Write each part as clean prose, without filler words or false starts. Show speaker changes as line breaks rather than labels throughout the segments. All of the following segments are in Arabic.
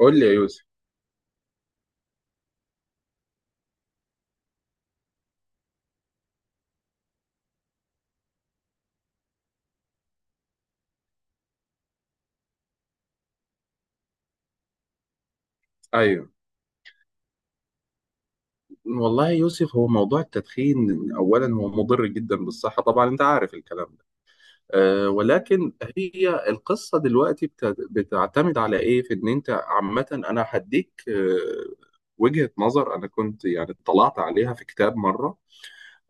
قول لي يا يوسف. ايوه. والله يا يوسف، هو موضوع التدخين اولا هو مضر جدا بالصحه، طبعا انت عارف الكلام ده. ولكن هي القصه دلوقتي بتعتمد على ايه، في ان انت عامه انا هديك وجهه نظر انا كنت يعني اطلعت عليها في كتاب مره.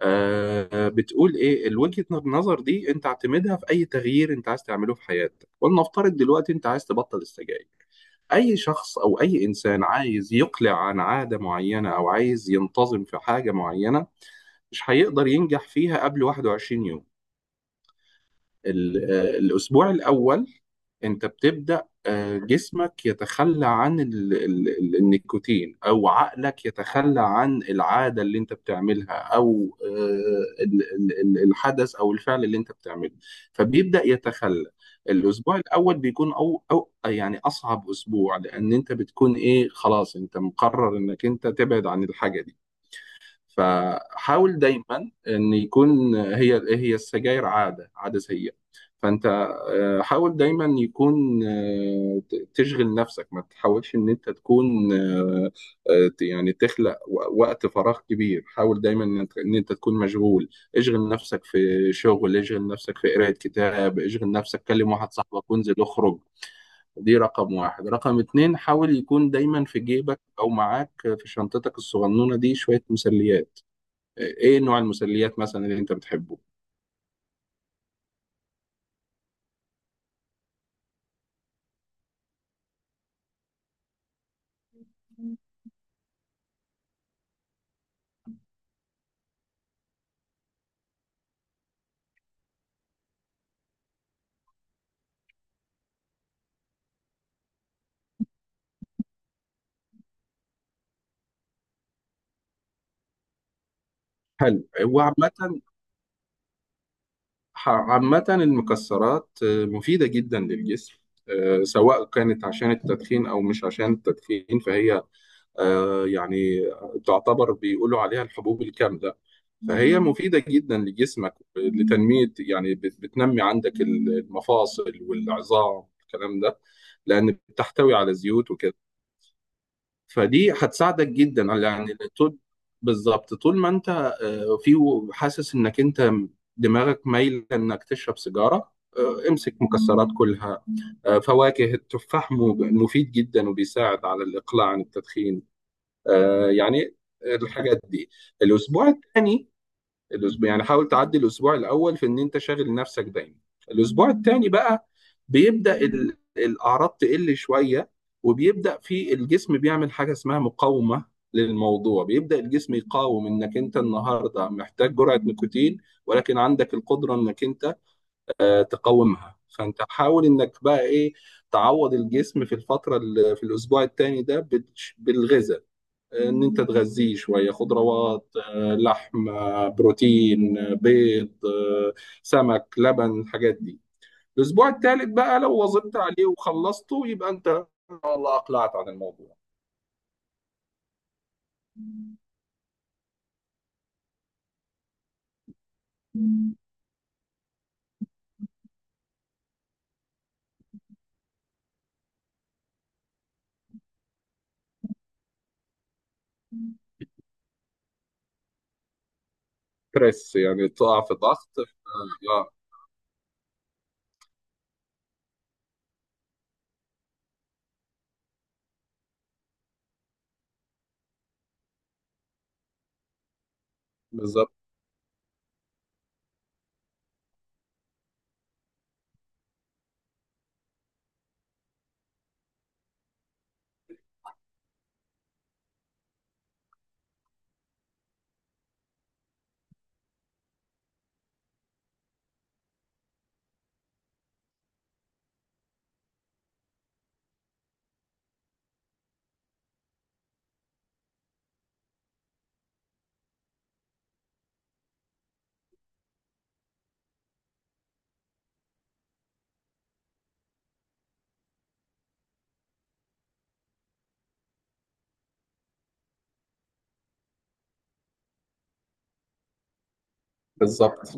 بتقول ايه الوجهه النظر دي؟ انت اعتمدها في اي تغيير انت عايز تعمله في حياتك، ولنفترض دلوقتي انت عايز تبطل السجاير. أي شخص أو أي إنسان عايز يقلع عن عادة معينة أو عايز ينتظم في حاجة معينة مش هيقدر ينجح فيها قبل 21 يوم. الأسبوع الأول انت بتبدأ جسمك يتخلى عن ال النيكوتين، او عقلك يتخلى عن العادة اللي انت بتعملها، او الحدث او الفعل اللي انت بتعمله، فبيبدأ يتخلى. الاسبوع الاول بيكون او يعني اصعب اسبوع، لان انت بتكون ايه، خلاص انت مقرر انك انت تبعد عن الحاجة دي. فحاول دايما ان يكون هي هي السجاير عاده عاده سيئه. فانت حاول دايما يكون تشغل نفسك، ما تحاولش ان انت تكون يعني تخلق وقت فراغ كبير. حاول دايما ان انت إن أنت تكون مشغول. اشغل نفسك في شغل، اشغل نفسك في قراءة كتاب، اشغل نفسك، كلم واحد صاحبك وانزل اخرج. دي رقم واحد. رقم اتنين، حاول يكون دايما في جيبك او معاك في شنطتك الصغنونة دي شوية مسليات. ايه نوع المسليات مثلا اللي انت بتحبه؟ حلو. وعامة، عامة المكسرات مفيدة جدا للجسم، سواء كانت عشان التدخين او مش عشان التدخين، فهي يعني تعتبر، بيقولوا عليها الحبوب الكاملة، فهي مفيدة جدا لجسمك لتنمية، يعني بتنمي عندك المفاصل والعظام الكلام ده، لأن بتحتوي على زيوت وكده، فدي هتساعدك جدا على يعني طول. بالظبط. طول ما انت آه، في حاسس انك انت دماغك مايل انك تشرب سيجاره، امسك مكسرات، كلها فواكه. التفاح مفيد جدا وبيساعد على الاقلاع عن التدخين. يعني الحاجات دي. الاسبوع الثاني، الاسبوع، يعني حاول تعدي الاسبوع الاول في ان انت شاغل نفسك دايما. الاسبوع الثاني بقى بيبدا الاعراض تقل شويه، وبيبدا في الجسم بيعمل حاجه اسمها مقاومه للموضوع. بيبدا الجسم يقاوم انك انت النهارده محتاج جرعه نيكوتين، ولكن عندك القدره انك انت تقاومها. فانت حاول انك بقى ايه تعوض الجسم في الفتره اللي في الاسبوع الثاني ده بالغذاء، ان انت تغذيه شويه خضروات لحم بروتين بيض سمك لبن الحاجات دي. الاسبوع الثالث بقى لو واظبت عليه وخلصته يبقى انت والله اقلعت عن الموضوع. بريس يعني تقع في ضغط. بالظبط. بالظبط،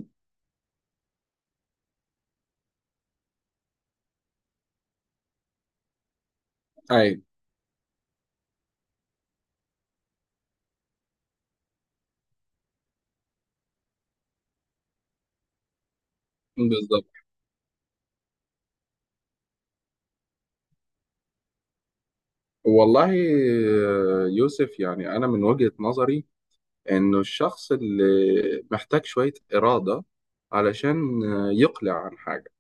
اي بالظبط. والله يوسف، يعني انا من وجهة نظري انه الشخص اللي محتاج شوية إرادة علشان يقلع عن حاجة،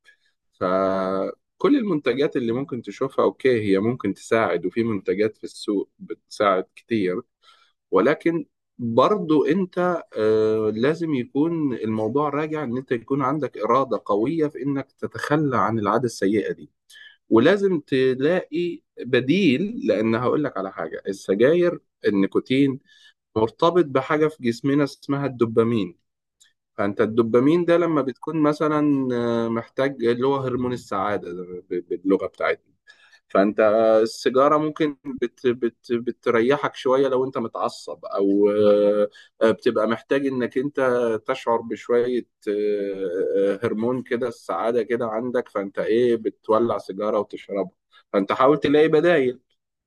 فكل المنتجات اللي ممكن تشوفها اوكي هي ممكن تساعد، وفي منتجات في السوق بتساعد كتير، ولكن برضو انت لازم يكون الموضوع راجع ان انت يكون عندك إرادة قوية في انك تتخلى عن العادة السيئة دي، ولازم تلاقي بديل. لان هقول لك على حاجة، السجاير النيكوتين مرتبط بحاجة في جسمنا اسمها الدوبامين، فانت الدوبامين ده لما بتكون مثلا محتاج اللي هو هرمون السعاده ده باللغه بتاعتنا. فانت السيجاره ممكن بت بت بتريحك شويه لو انت متعصب، او بتبقى محتاج انك انت تشعر بشويه هرمون كده السعاده كده عندك، فانت ايه بتولع سيجاره وتشربها. فانت حاول تلاقي بدائل.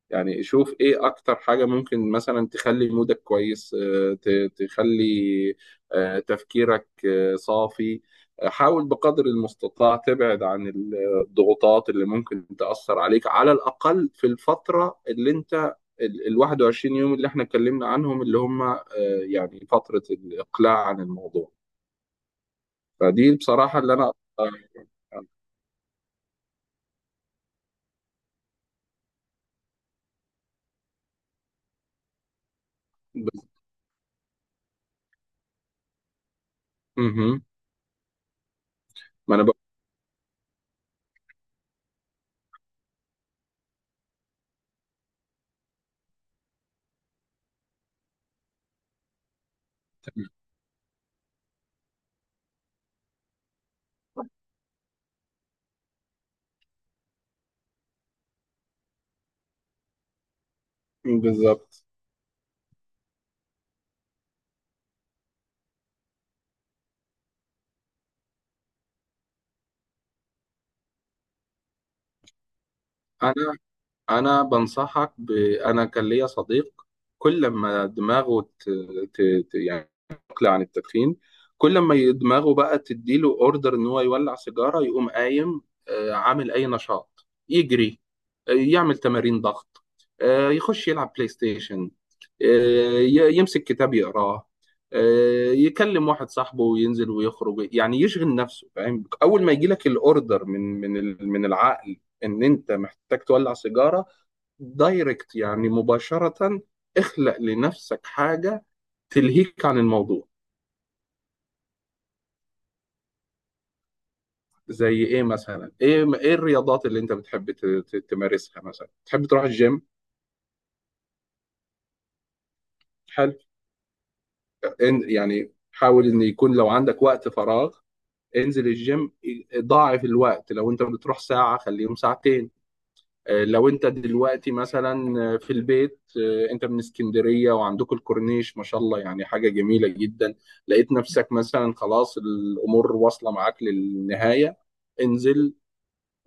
يعني شوف ايه اكتر حاجة ممكن مثلا تخلي مودك كويس، تخلي تفكيرك صافي. حاول بقدر المستطاع تبعد عن الضغوطات اللي ممكن تأثر عليك، على الأقل في الفترة اللي انت ال 21 يوم اللي احنا اتكلمنا عنهم اللي هم يعني فترة الإقلاع عن الموضوع. فدي بصراحة اللي انا آه، بز- مهم. ما انا بقول بالظبط. انا انا بنصحك. انا كان ليا صديق كل ما دماغه ت... يعني تقلع عن التدخين، كل ما دماغه بقى تديله اوردر ان هو يولع سيجاره، يقوم قايم عامل اي نشاط، يجري يعمل تمارين ضغط، يخش يلعب بلاي ستيشن، آه، يمسك كتاب يقراه، يكلم واحد صاحبه وينزل ويخرج، يعني يشغل نفسه، فاهم؟ اول ما يجي لك الاوردر من من العقل ان انت محتاج تولع سيجاره، دايركت يعني مباشره اخلق لنفسك حاجه تلهيك عن الموضوع. زي ايه مثلا؟ ايه الرياضات اللي انت بتحب تمارسها، مثلا تحب تروح الجيم؟ حلو. يعني حاول ان يكون لو عندك وقت فراغ انزل الجيم، ضاعف الوقت لو انت بتروح ساعه خليهم ساعتين. لو انت دلوقتي مثلا في البيت، انت من اسكندرية وعندكم الكورنيش ما شاء الله، يعني حاجة جميلة جدا. لقيت نفسك مثلا خلاص الامور واصلة معاك للنهاية، انزل،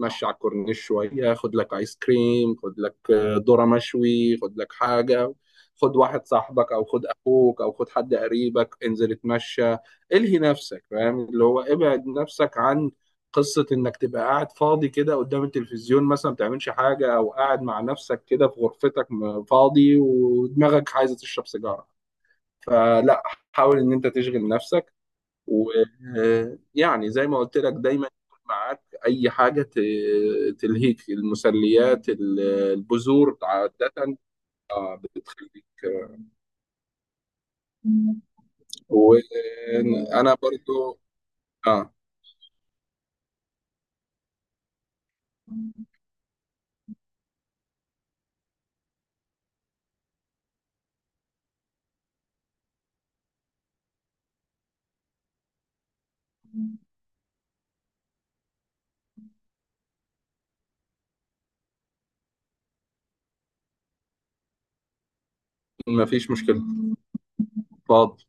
اتمشى على الكورنيش شويه، خد لك ايس كريم، خد لك ذره مشوي، خد لك حاجه، خد واحد صاحبك او خد اخوك او خد حد قريبك، انزل اتمشى، الهي نفسك. فاهم، اللي هو ابعد نفسك عن قصه انك تبقى قاعد فاضي كده قدام التلفزيون مثلا ما بتعملش حاجه، او قاعد مع نفسك كده في غرفتك فاضي ودماغك عايزه تشرب سيجاره. فلا، حاول ان انت تشغل نفسك، ويعني زي ما قلت لك دايما يكون معاك اي حاجه تلهيك، المسليات البذور عاده بتخليك. وانا برضو. اه، ما فيش مشكله، اتفضل.